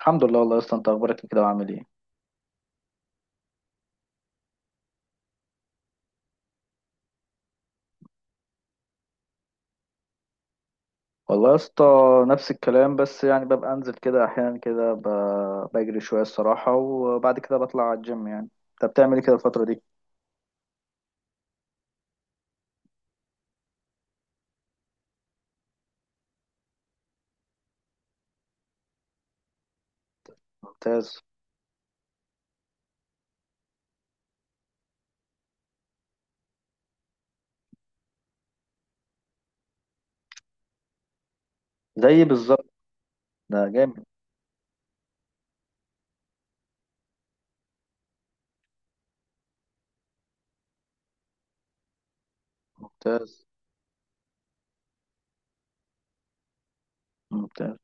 الحمد لله، والله يا اسطى انت اخبارك إيه كده وعامل ايه؟ والله يا اسطى نفس الكلام، بس يعني ببقى انزل كده احيانا كده بجري شويه الصراحه، وبعد كده بطلع على الجيم يعني. انت بتعمل ايه كده الفتره دي؟ ممتاز. زي بالظبط. ده جامد. ممتاز. ممتاز.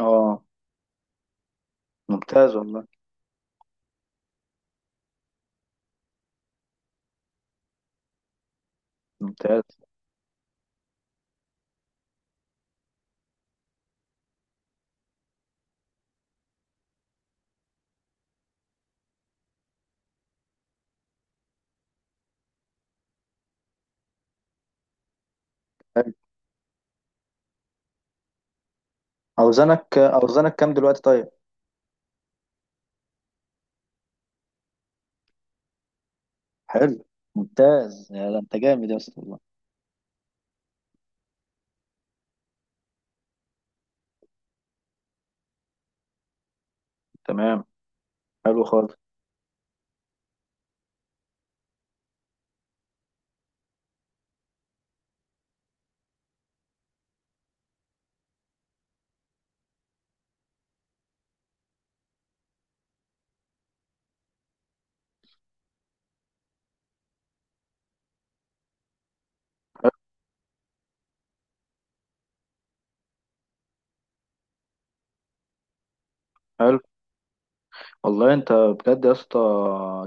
اه. ممتاز والله. ممتاز. حلو. اوزانك كام دلوقتي طيب؟ حلو. ممتاز. يا ده انت جامد يا اسطى والله. تمام. حلو خالص. حلو. والله انت بجد يا اسطى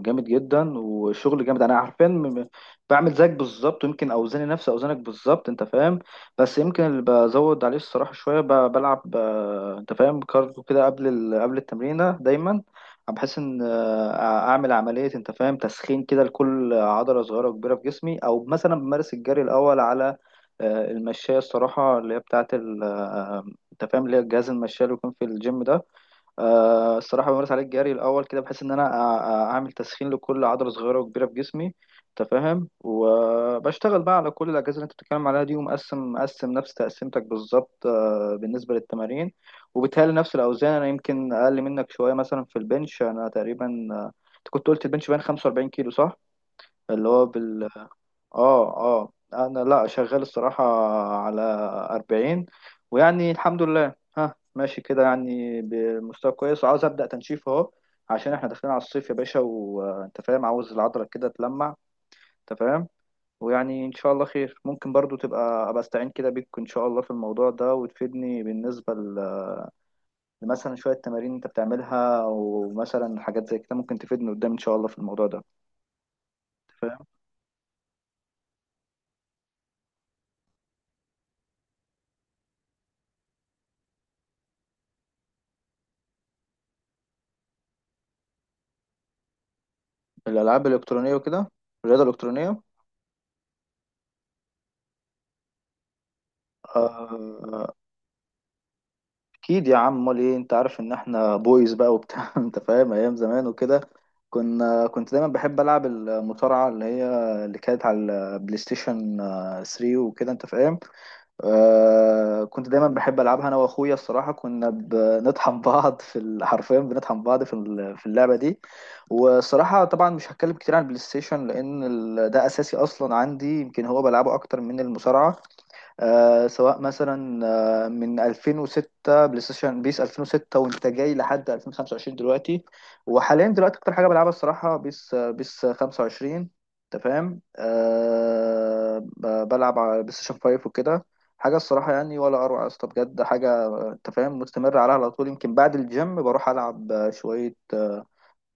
جامد جدا وشغل جامد. انا عارفين بعمل زيك بالظبط، ويمكن اوزاني نفس اوزانك بالظبط، انت فاهم. بس يمكن اللي بزود عليه الصراحه شويه بلعب، انت فاهم، كارديو كده قبل التمرينه دايما، بحيث ان اعمل عمليه، انت فاهم، تسخين كده لكل عضله صغيره وكبيره في جسمي، او مثلا بمارس الجري الاول على المشاية الصراحة، اللي هي بتاعت ال آه، انت فاهم، اللي هي الجهاز المشاية اللي بيكون في الجيم ده. الصراحة بمارس عليه الجري الأول كده، بحيث إن أنا أعمل تسخين لكل عضلة صغيرة وكبيرة في جسمي. أنت فاهم. وبشتغل بقى على كل الأجهزة اللي أنت بتتكلم عليها دي، ومقسم، نفس تقسيمتك بالظبط، بالنسبة للتمارين. وبتهيألي نفس الأوزان، أنا يمكن أقل منك شوية. مثلا في البنش أنا تقريبا، آه، أنت كنت قلت البنش باين 45 كيلو، صح؟ اللي هو، اه اه، انا لا شغال الصراحة على 40. ويعني الحمد لله ها، ماشي كده يعني بمستوى كويس، وعاوز أبدأ تنشيف اهو، عشان احنا داخلين على الصيف يا باشا، وانت فاهم عاوز العضلة كده تلمع، انت فاهم. ويعني ان شاء الله خير، ممكن برضو ابقى استعين كده بيك ان شاء الله في الموضوع ده، وتفيدني بالنسبة لمثلا شوية تمارين انت بتعملها، ومثلا حاجات زي كده ممكن تفيدني قدام ان شاء الله في الموضوع ده، انت فاهم. الألعاب الإلكترونية وكده. الرياضة الإلكترونية. اكيد يا عم، امال ايه، انت عارف ان احنا بويز بقى وبتاع انت فاهم، ايام زمان وكده. كنت دايما بحب العب المصارعه، اللي هي اللي كانت على البلاي ستيشن 3 وكده، انت فاهم. كنت دايما بحب العبها انا واخويا الصراحه، كنا بنطحن بعض حرفيا بنطحن بعض في اللعبه دي. والصراحه طبعا مش هتكلم كتير عن البلاي ستيشن، لان ده اساسي اصلا عندي، يمكن هو بلعبه اكتر من المصارعه. سواء مثلا من 2006، بلاي ستيشن بيس 2006 وانت جاي لحد 2025 دلوقتي. وحاليا دلوقتي اكتر حاجه بلعبها الصراحه بيس 25، انت فاهم. بلعب على بلاي ستيشن 5 وكده. حاجه الصراحه، يعني ولا اروع يا اسطى بجد، حاجه، انت فاهم، مستمر عليها على طول، يمكن بعد الجيم بروح العب شويه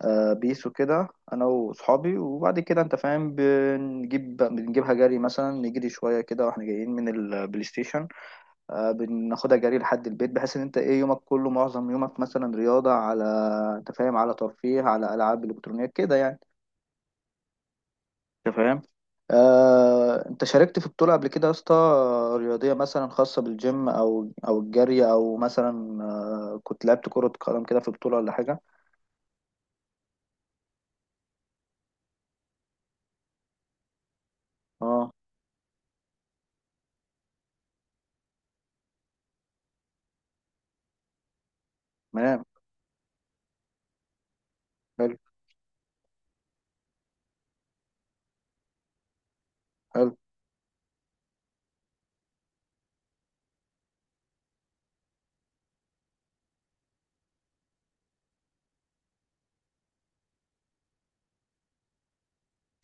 بيس وكده، انا واصحابي. وبعد كده انت فاهم بنجيبها جري، مثلا نجري شويه كده واحنا جايين من البلاي ستيشن. بناخدها جري لحد البيت، بحيث ان انت ايه يومك كله، معظم يومك مثلا رياضه على، انت فاهم، على ترفيه، على العاب الكترونيه كده يعني، انت فاهم. انت شاركت في بطولة قبل كده يا اسطى؟ رياضية مثلا، خاصة بالجيم او الجري، او مثلا كنت لعبت كرة قدم كده في بطولة ولا حاجة؟ اه. تمام. حلو. حلو.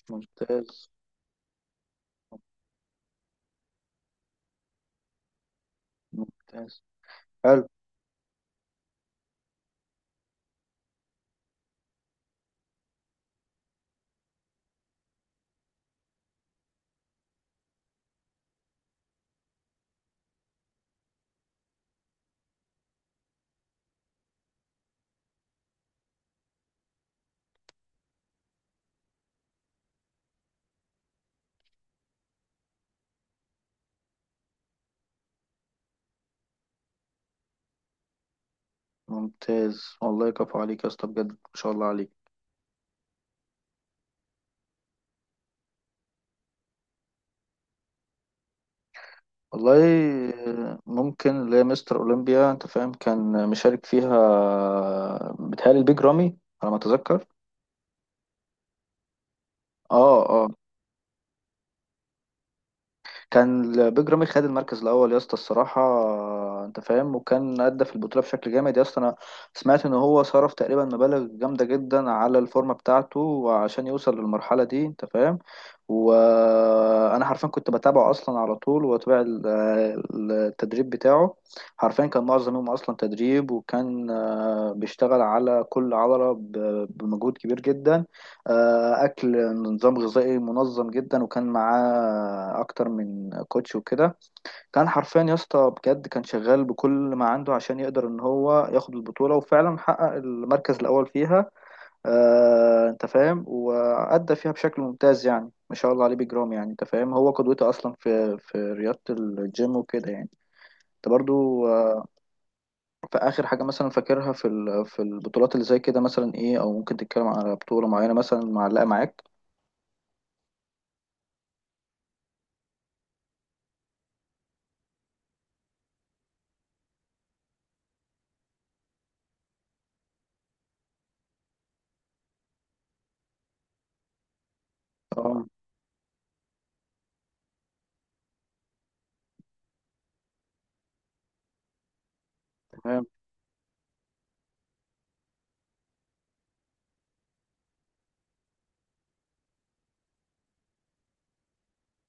ممتاز. ممتاز. حلو. ممتاز والله، كفو عليك يا اسطى بجد، ما شاء الله عليك. والله. ممكن، اللي هي مستر اولمبيا، انت فاهم، كان مشارك فيها بتهيألي البيج رامي على ما اتذكر. اه آه. كان البيج رامي خد المركز الاول يا اسطى الصراحه، انت فاهم. وكان ادى في البطوله بشكل جامد يا اسطى. انا سمعت ان هو صرف تقريبا مبالغ جامده جدا على الفورمه بتاعته عشان يوصل للمرحله دي، انت فاهم. وانا حرفيا كنت بتابعه اصلا على طول، واتابع التدريب بتاعه. حرفيا كان معظم يومه اصلا تدريب، وكان بيشتغل على كل عضله بمجهود كبير جدا. اكل نظام غذائي منظم جدا، وكان معاه اكتر من كوتش وكده. كان حرفيا يا اسطى بجد، كان شغال بكل ما عنده عشان يقدر ان هو ياخد البطوله، وفعلا حقق المركز الاول فيها. انت فاهم، وادى فيها بشكل ممتاز، يعني ما شاء الله عليه بجرام. يعني انت فاهم هو قدوتي اصلا في رياضه الجيم وكده يعني. انت برضو، في اخر حاجه مثلا فاكرها في البطولات اللي زي كده مثلا ايه، او ممكن تتكلم على بطوله معينه مثلا معلقه معاك؟ اه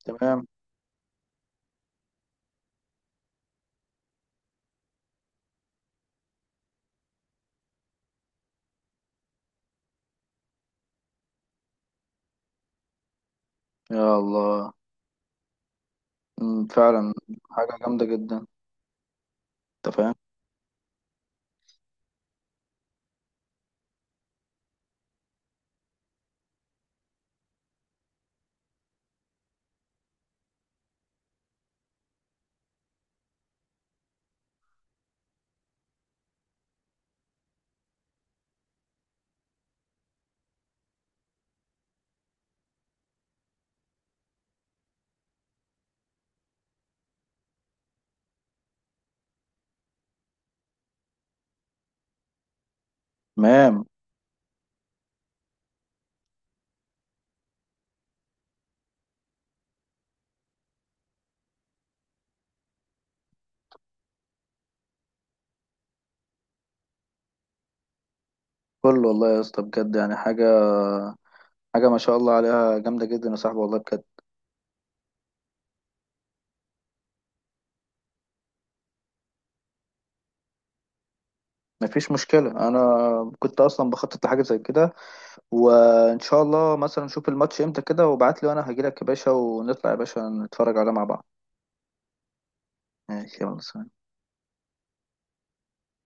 تمام. يا الله. فعلا، حاجة جامدة جدا، انت فاهم. تمام. كل والله يا اسطى بجد، يعني، حاجة ما شاء الله عليها جامدة جدا يا صاحبي والله بجد. مفيش مشكلة. أنا كنت أصلا بخطط لحاجة زي كده، وإن شاء الله مثلا نشوف الماتش إمتى كده وابعت لي، وأنا هجيلك يا باشا، ونطلع يا باشا نتفرج عليه مع بعض. ماشي، يلا، سلام.